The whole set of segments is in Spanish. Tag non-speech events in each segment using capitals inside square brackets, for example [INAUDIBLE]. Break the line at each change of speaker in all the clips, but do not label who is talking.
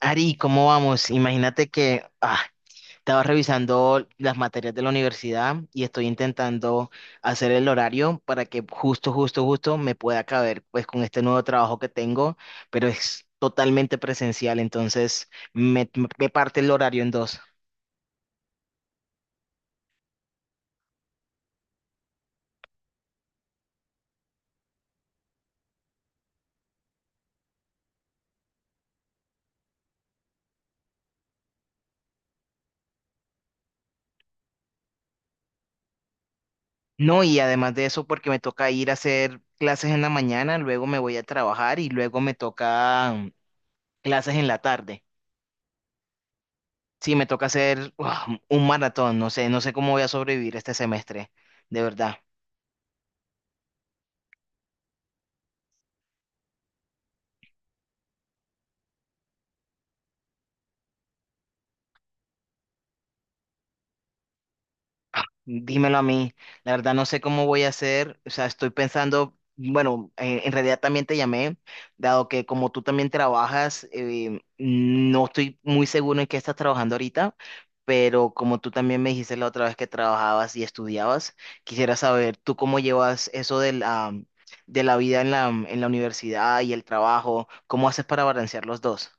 Ari, ¿cómo vamos? Imagínate que estaba revisando las materias de la universidad y estoy intentando hacer el horario para que justo, justo, justo me pueda caber pues con este nuevo trabajo que tengo, pero es totalmente presencial, me parte el horario en dos. No, y además de eso, porque me toca ir a hacer clases en la mañana, luego me voy a trabajar y luego me toca clases en la tarde. Sí, me toca hacer un maratón, no sé, no sé cómo voy a sobrevivir este semestre, de verdad. Dímelo a mí, la verdad no sé cómo voy a hacer, o sea, estoy pensando, bueno, en realidad también te llamé, dado que como tú también trabajas, no estoy muy seguro en qué estás trabajando ahorita, pero como tú también me dijiste la otra vez que trabajabas y estudiabas, quisiera saber tú cómo llevas eso de la vida en la universidad y el trabajo, cómo haces para balancear los dos.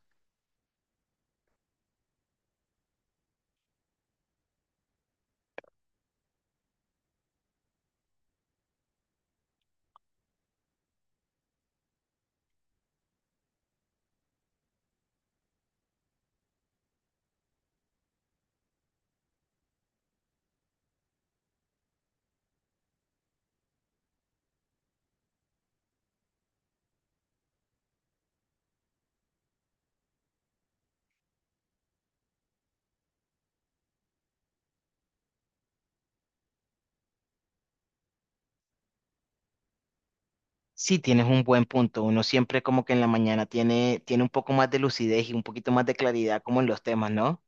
Sí, tienes un buen punto. Uno siempre como que en la mañana tiene un poco más de lucidez y un poquito más de claridad como en los temas, ¿no?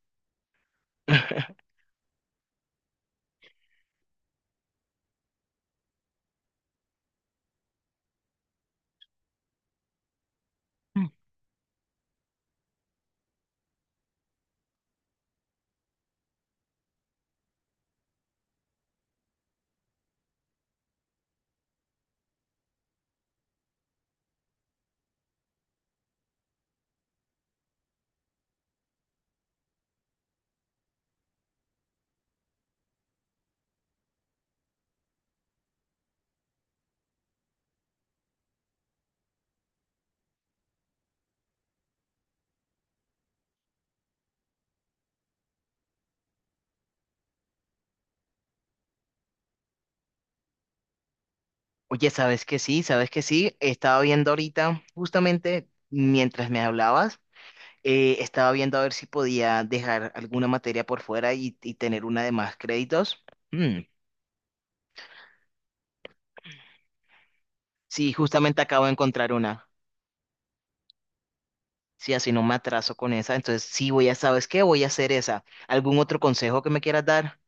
[LAUGHS] Mm. Oye, ¿sabes que sí? ¿Sabes que sí? Estaba viendo ahorita, justamente mientras me hablabas, estaba viendo a ver si podía dejar alguna materia por fuera y tener una de más créditos. Mm. Sí, justamente acabo de encontrar una. Sí, así no me atraso con esa. Entonces, sí, voy a, ¿sabes qué? Voy a hacer esa. ¿Algún otro consejo que me quieras dar?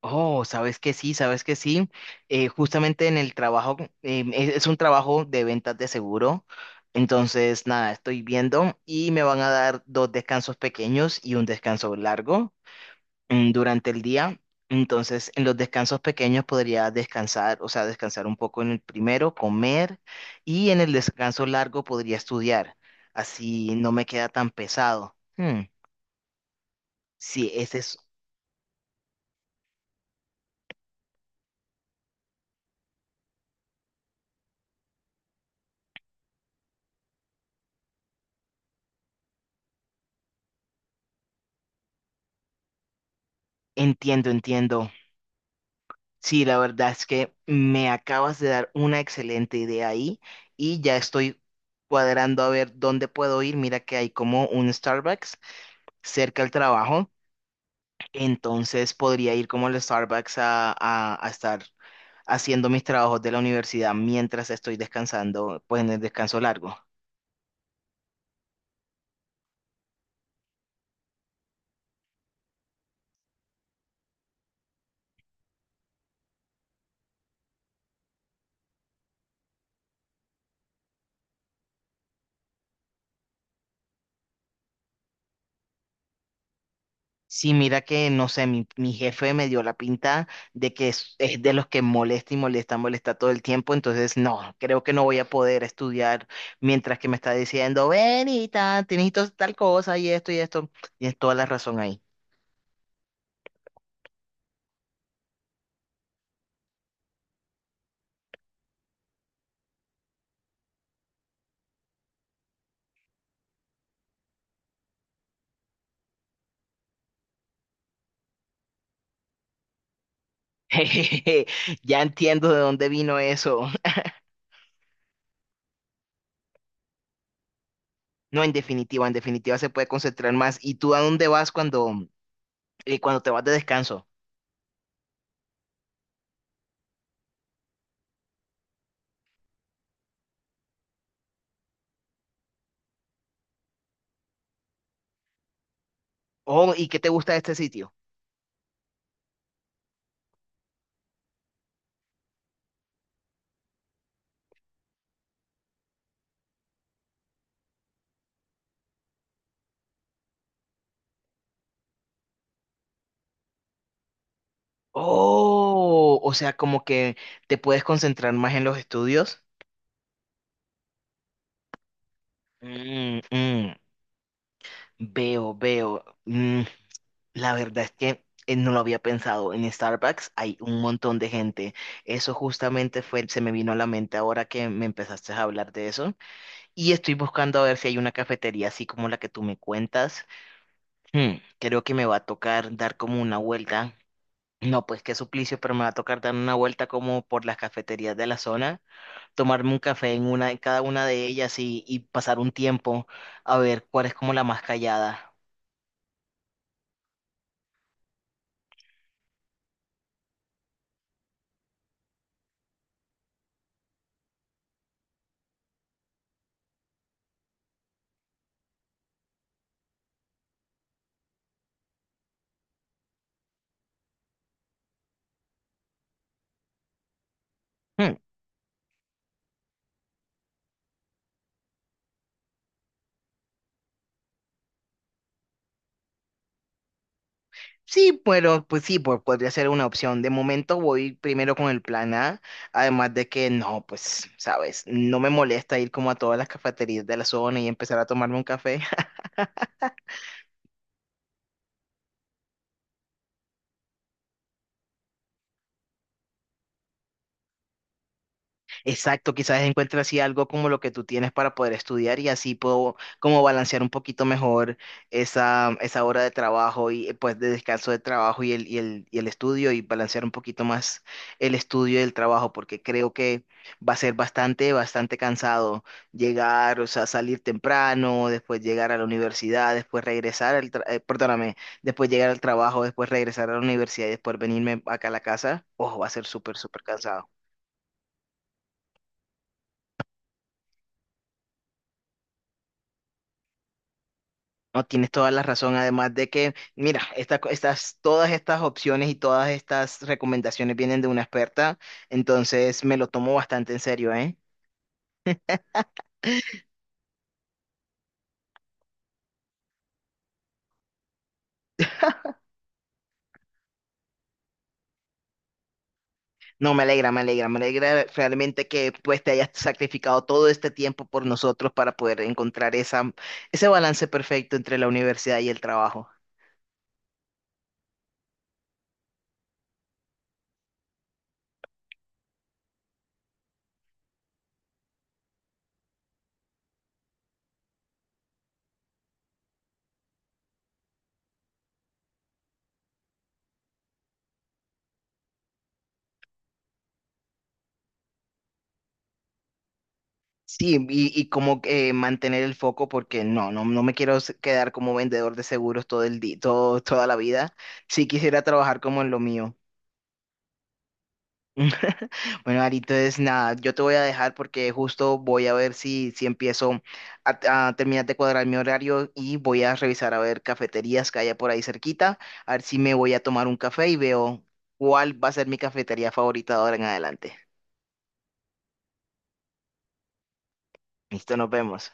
Oh, sabes que sí, sabes que sí. Justamente en el trabajo, es un trabajo de ventas de seguro. Entonces, nada, estoy viendo y me van a dar dos descansos pequeños y un descanso largo durante el día. Entonces, en los descansos pequeños podría descansar, o sea, descansar un poco en el primero, comer y en el descanso largo podría estudiar. Así no me queda tan pesado. Hmm, sí, ese es, entiendo, entiendo. Sí, la verdad es que me acabas de dar una excelente idea ahí y ya estoy cuadrando a ver dónde puedo ir. Mira que hay como un Starbucks cerca del trabajo, entonces podría ir como al Starbucks a, a estar haciendo mis trabajos de la universidad mientras estoy descansando, pues en el descanso largo. Sí, mira que, no sé, mi jefe me dio la pinta de que es de los que molesta y molesta, molesta todo el tiempo, entonces no, creo que no voy a poder estudiar mientras que me está diciendo, Benita, tienes tal cosa y esto y esto. Tienes toda la razón ahí. [LAUGHS] Ya entiendo de dónde vino eso. No, en definitiva se puede concentrar más. ¿Y tú a dónde vas cuando te vas de descanso? Oh, ¿y qué te gusta de este sitio? Oh, o sea, como que te puedes concentrar más en los estudios. Mm, mm. Veo, veo. Mm, la verdad es que no lo había pensado. En Starbucks hay un montón de gente. Eso justamente fue, se me vino a la mente ahora que me empezaste a hablar de eso. Y estoy buscando a ver si hay una cafetería así como la que tú me cuentas. Hmm, creo que me va a tocar dar como una vuelta. No, pues qué suplicio, pero me va a tocar dar una vuelta como por las cafeterías de la zona, tomarme un café en una, en cada una de ellas y pasar un tiempo a ver cuál es como la más callada. Hmm. Sí, pero pues sí, podría ser una opción. De momento voy primero con el plan A, además de que no, pues, sabes, no me molesta ir como a todas las cafeterías de la zona y empezar a tomarme un café. Exacto, quizás encuentre así algo como lo que tú tienes para poder estudiar y así puedo como balancear un poquito mejor esa, esa hora de trabajo y pues de descanso de trabajo y el estudio y balancear un poquito más el estudio y el trabajo porque creo que va a ser bastante, bastante cansado llegar, o sea, salir temprano, después llegar a la universidad, después regresar perdóname, después llegar al trabajo, después regresar a la universidad y después venirme acá a la casa. Ojo, va a ser súper, súper cansado. No, tienes toda la razón, además de que, mira, todas estas opciones y todas estas recomendaciones vienen de una experta, entonces me lo tomo bastante en serio, ¿eh? No, me alegra, me alegra, me alegra realmente que pues te hayas sacrificado todo este tiempo por nosotros para poder encontrar esa, ese balance perfecto entre la universidad y el trabajo. Sí, y como mantener el foco porque no, no, no me quiero quedar como vendedor de seguros todo el día, todo, toda la vida. Sí quisiera trabajar como en lo mío. [LAUGHS] Bueno, Ari, entonces nada, yo te voy a dejar porque justo voy a ver si empiezo a terminar de cuadrar mi horario y voy a revisar a ver cafeterías que haya por ahí cerquita, a ver si me voy a tomar un café y veo cuál va a ser mi cafetería favorita de ahora en adelante. Listo, nos vemos.